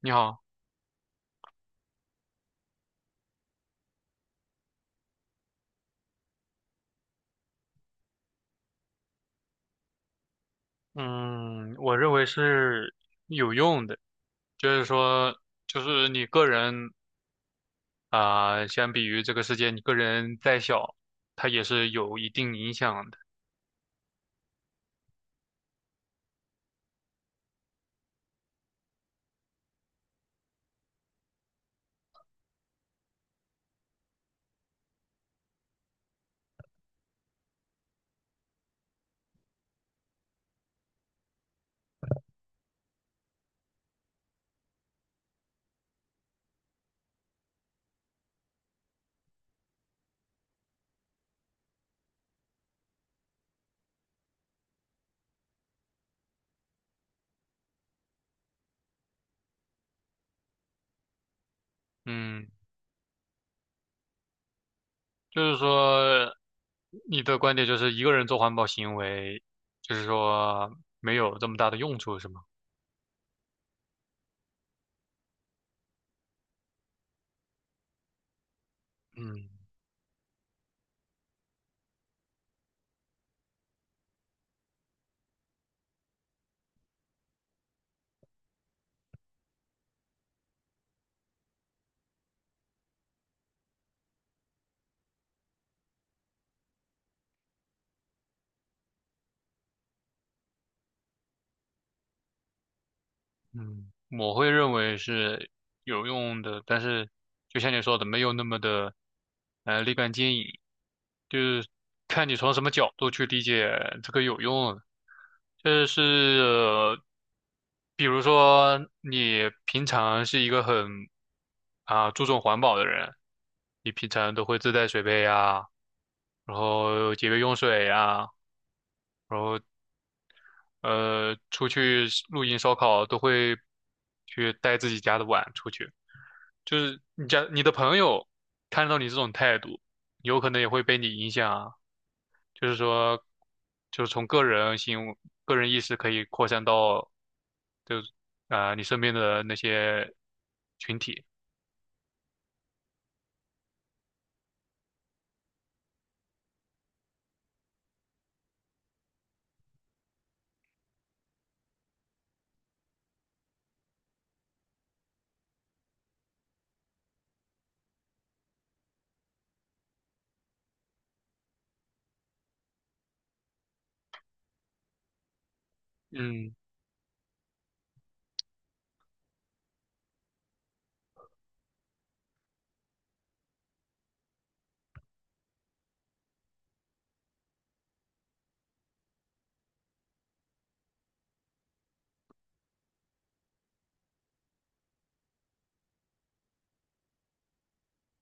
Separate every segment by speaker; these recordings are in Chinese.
Speaker 1: 你好。嗯，我认为是有用的，就是说，就是你个人啊、相比于这个世界，你个人再小，它也是有一定影响的。嗯，就是说，你的观点就是一个人做环保行为，就是说没有这么大的用处，是吗？嗯。嗯，我会认为是有用的，但是就像你说的，没有那么的立竿见影，就是看你从什么角度去理解这个有用了就是、呃比如说你平常是一个很啊注重环保的人，你平常都会自带水杯呀，然后节约用水呀，出去露营烧烤都会去带自己家的碗出去。就是你的朋友看到你这种态度，有可能也会被你影响啊。就是说，就是从个人行为、个人意识可以扩散到，就是啊、你身边的那些群体。嗯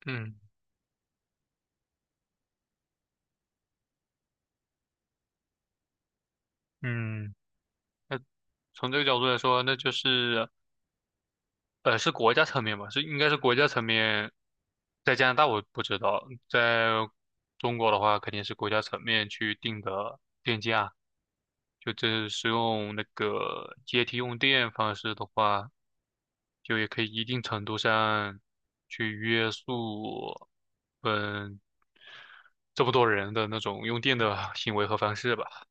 Speaker 1: 嗯嗯，从这个角度来说，那就是是国家层面吧，应该是国家层面。在加拿大我不知道，在中国的话肯定是国家层面去定的电价。就这是用那个阶梯用电方式的话，就也可以一定程度上去约束，嗯，这么多人的那种用电的行为和方式吧。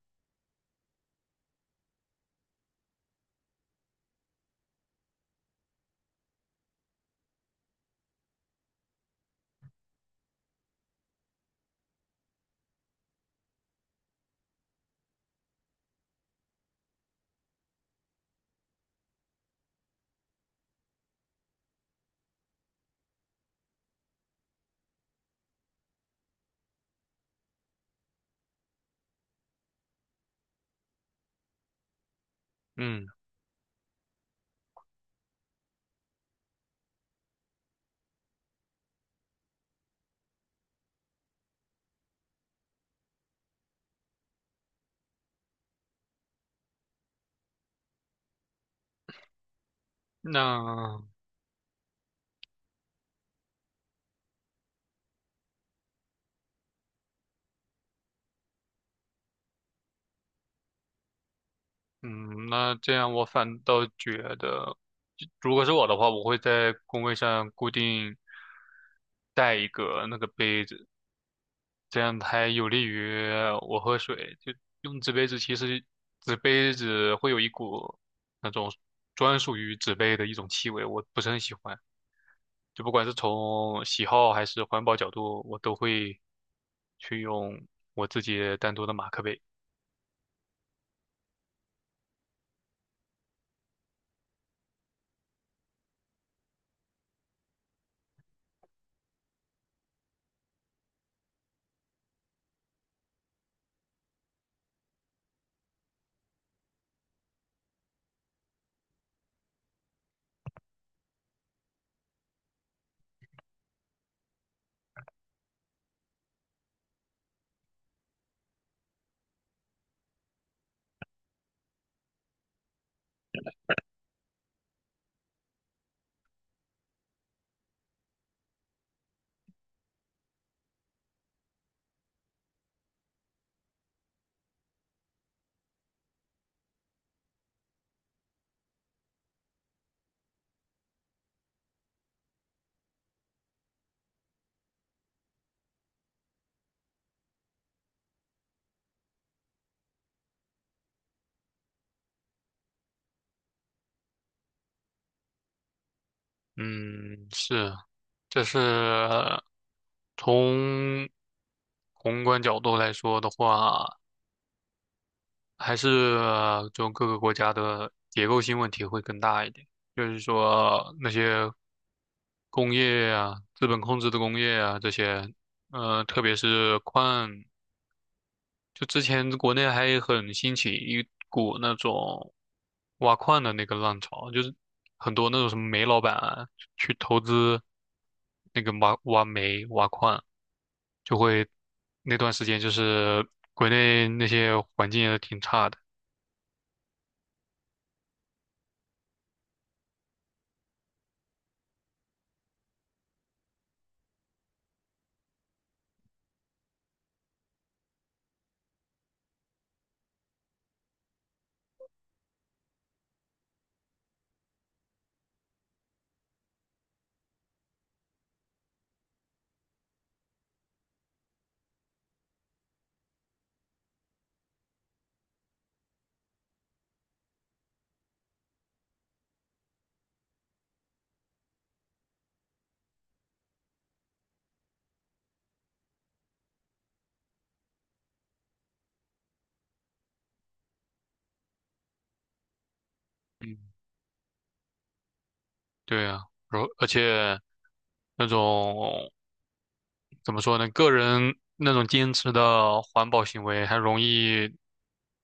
Speaker 1: 嗯，那嗯，那这样我反倒觉得，就如果是我的话，我会在工位上固定带一个那个杯子。这样还有利于我喝水。就用纸杯子，其实纸杯子会有一股那种专属于纸杯的一种气味，我不是很喜欢。就不管是从喜好还是环保角度，我都会去用我自己单独的马克杯。嗯，是，这是从宏观角度来说的话。还是就各个国家的结构性问题会更大一点，就是说那些工业啊、资本控制的工业啊这些，特别是矿，就之前国内还很兴起一股那种挖矿的那个浪潮，就是很多那种什么煤老板啊去投资那个挖煤、挖矿，就会那段时间就是国内那些环境也挺差的。嗯对啊，然后而且那种怎么说呢，个人那种坚持的环保行为，还容易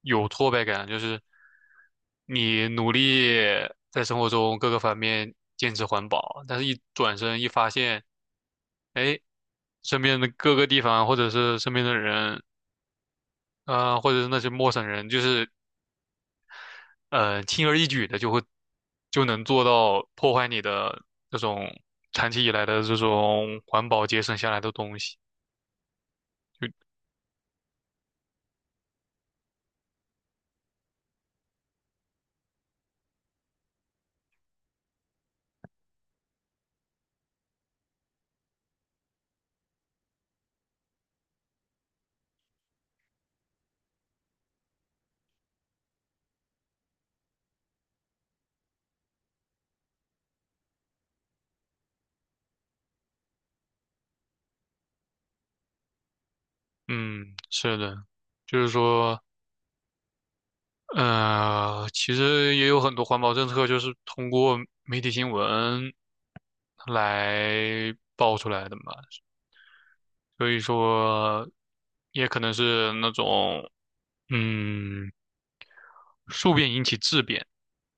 Speaker 1: 有挫败感，就是你努力在生活中各个方面坚持环保，但是一转身一发现，哎，身边的各个地方，或者是身边的人，啊、或者是那些陌生人，就是轻而易举的就能做到破坏你的这种长期以来的这种环保节省下来的东西。就嗯，是的，就是说，其实也有很多环保政策就是通过媒体新闻来爆出来的嘛，所以说，也可能是那种，嗯，数变引起质变，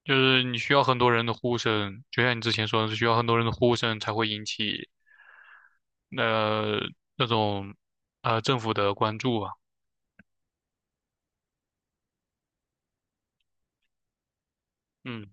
Speaker 1: 就是你需要很多人的呼声，就像你之前说的是需要很多人的呼声才会引起，那那种，政府的关注吧。嗯，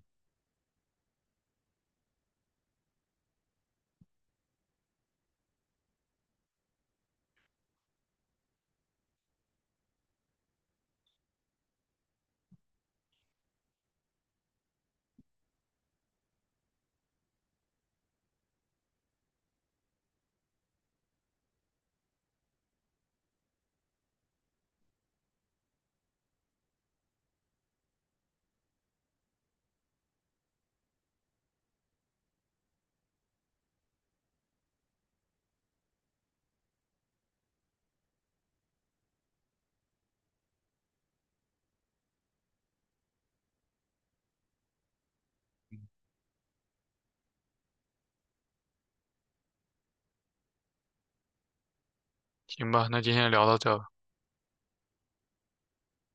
Speaker 1: 行吧，那今天聊到这儿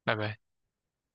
Speaker 1: 拜拜。